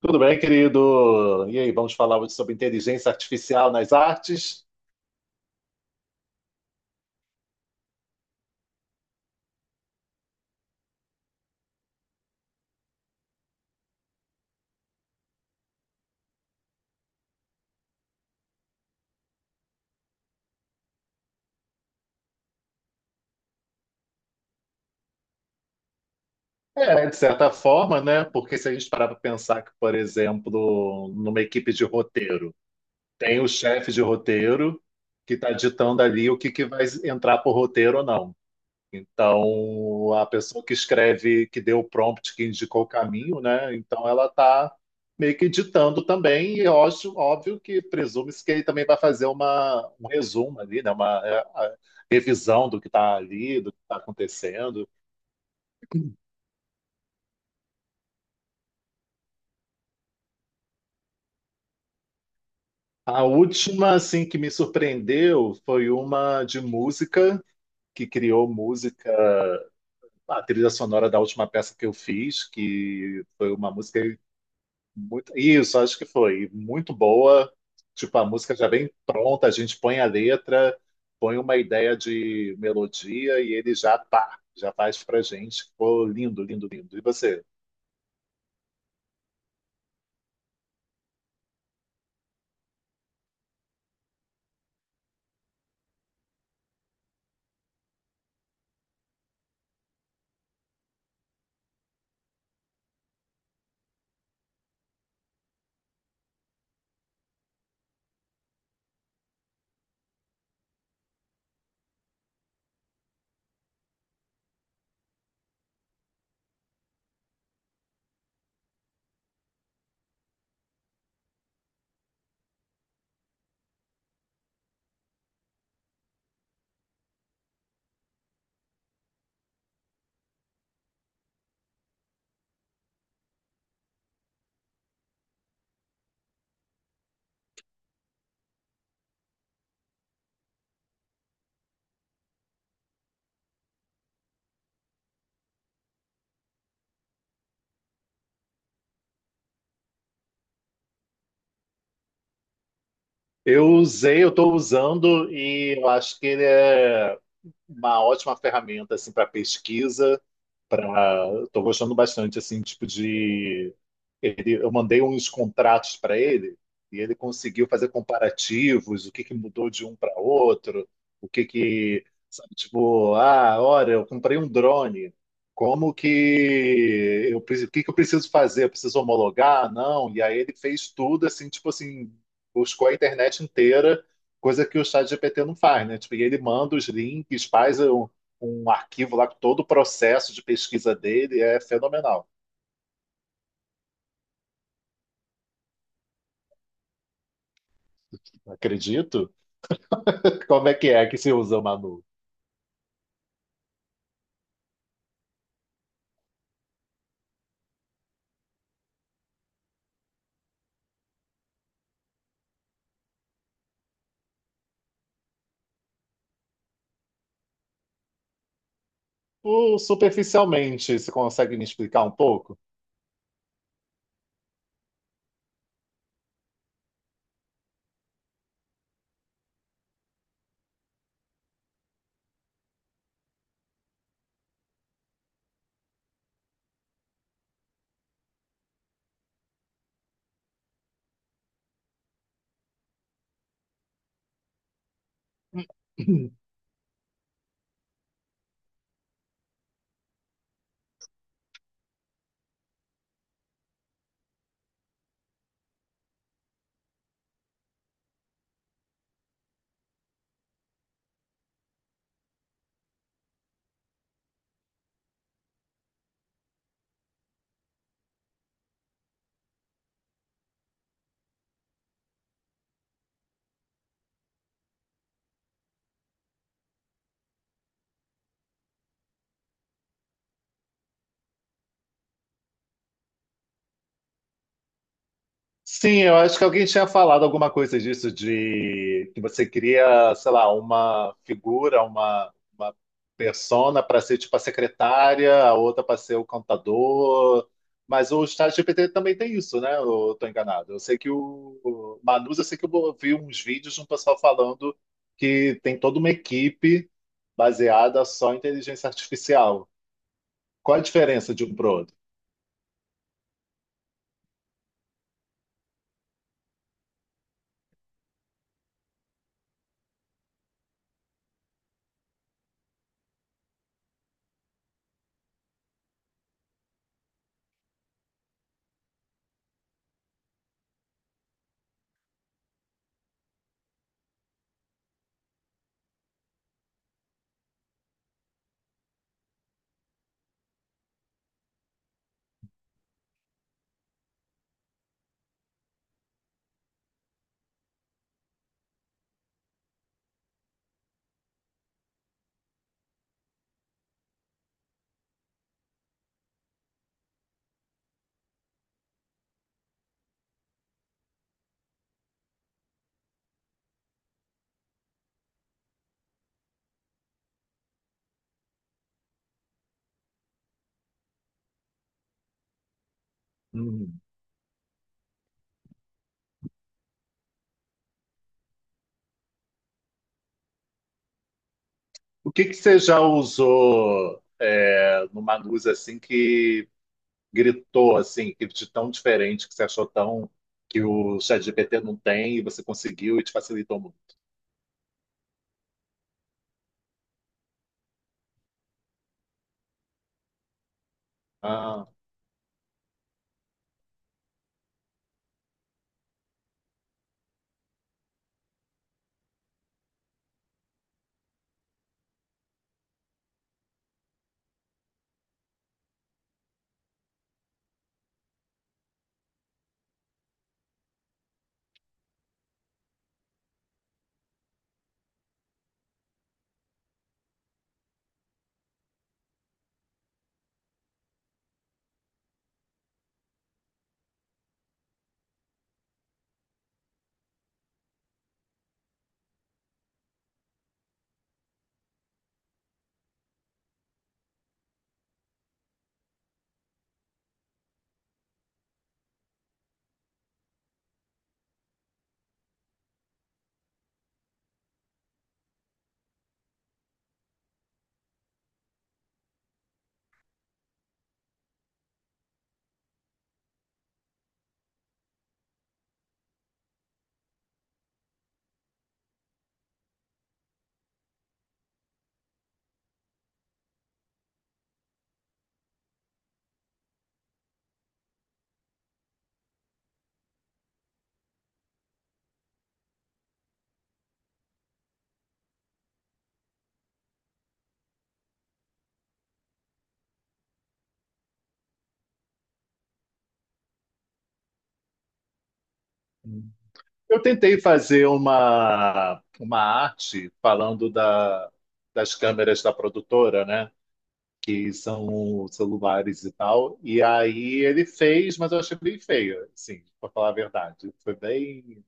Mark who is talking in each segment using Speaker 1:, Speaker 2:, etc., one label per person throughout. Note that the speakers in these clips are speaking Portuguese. Speaker 1: Tudo bem, querido? E aí, vamos falar hoje sobre inteligência artificial nas artes? É, de certa forma, né? Porque se a gente parar para pensar que, por exemplo, numa equipe de roteiro, tem o chefe de roteiro que está ditando ali o que vai entrar por roteiro ou não. Então, a pessoa que escreve, que deu o prompt, que indicou o caminho, né? Então, ela está meio que ditando também, e eu acho óbvio que presume-se que ele também vai fazer um resumo ali, né? Uma a revisão do que está ali, do que está acontecendo. A última, assim, que me surpreendeu foi uma de música, que criou música, a trilha sonora da última peça que eu fiz, que foi uma música muito, isso, acho que foi muito boa. Tipo, a música já vem pronta, a gente põe a letra, põe uma ideia de melodia e ele já pá, já faz pra gente. Ficou lindo, lindo, lindo. E você? Eu usei, eu estou usando e eu acho que ele é uma ótima ferramenta assim para pesquisa, para, estou gostando bastante, assim, tipo, de ele, eu mandei uns contratos para ele e ele conseguiu fazer comparativos, o que que mudou de um para outro, o que que, sabe, tipo, ah, olha, eu comprei um drone, como que eu, o que que eu preciso fazer? Eu preciso homologar? Não. E aí ele fez tudo assim, tipo assim, buscou a internet inteira, coisa que o ChatGPT não faz, né? Tipo, e ele manda os links, faz um arquivo lá com todo o processo de pesquisa dele, é fenomenal. Acredito. Como é que se usa, Manu? Superficialmente, você consegue me explicar um pouco? Sim, eu acho que alguém tinha falado alguma coisa disso, de que você cria, sei lá, uma figura, uma persona para ser tipo a secretária, a outra para ser o contador. Mas o ChatGPT também tem isso, né? Eu tô enganado. Eu sei que o Manus, eu sei que eu vi uns vídeos de um pessoal falando que tem toda uma equipe baseada só em inteligência artificial. Qual a diferença de um pro outro? Uhum. O que que você já usou, é, numa luz assim que gritou assim, que de tão diferente, que você achou tão, que o ChatGPT não tem e você conseguiu e te facilitou muito? Ah, eu tentei fazer uma arte falando da, das câmeras da produtora, né? Que são celulares e tal. E aí ele fez, mas eu achei bem feio, assim, para falar a verdade. Foi bem.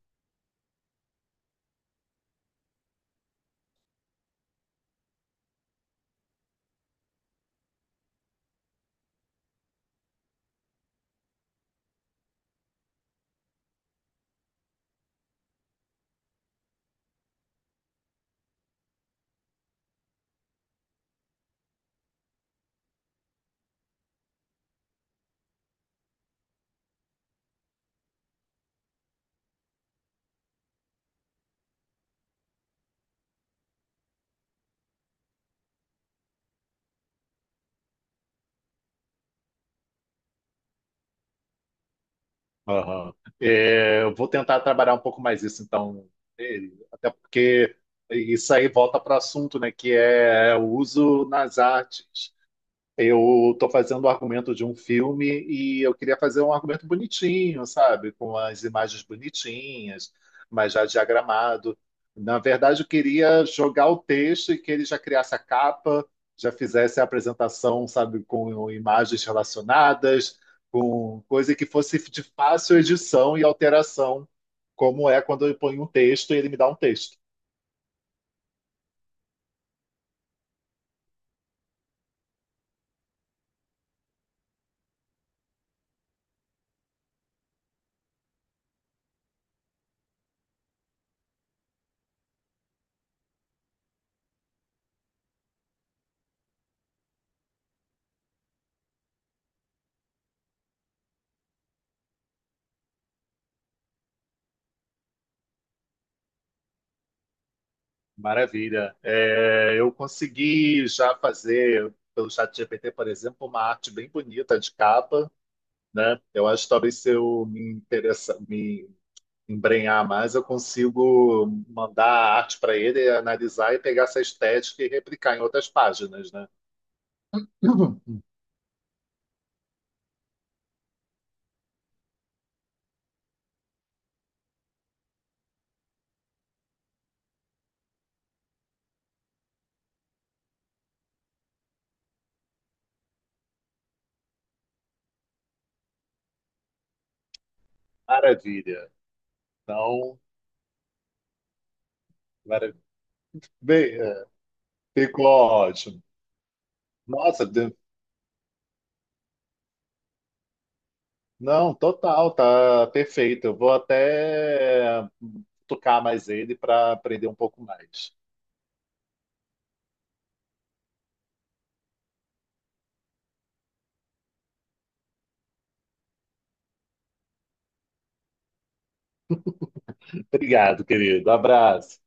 Speaker 1: Aham. É, eu vou tentar trabalhar um pouco mais isso, então, é, até porque isso aí volta para o assunto, né, que é o uso nas artes. Eu estou fazendo o argumento de um filme e eu queria fazer um argumento bonitinho, sabe? Com as imagens bonitinhas, mas já diagramado. Na verdade, eu queria jogar o texto e que ele já criasse a capa, já fizesse a apresentação, sabe? Com imagens relacionadas, com coisa que fosse de fácil edição e alteração, como é quando eu ponho um texto e ele me dá um texto. Maravilha. É, eu consegui já fazer, pelo ChatGPT, por exemplo, uma arte bem bonita de capa, né? Eu acho que talvez se eu me interessar, me embrenhar mais, eu consigo mandar a arte para ele, analisar e pegar essa estética e replicar em outras páginas, né? Uhum. Maravilha. Então, maravilha. Bem, é, ficou ótimo. Nossa, não, total, tá perfeito. Eu vou até tocar mais ele para aprender um pouco mais. Obrigado, querido. Abraço.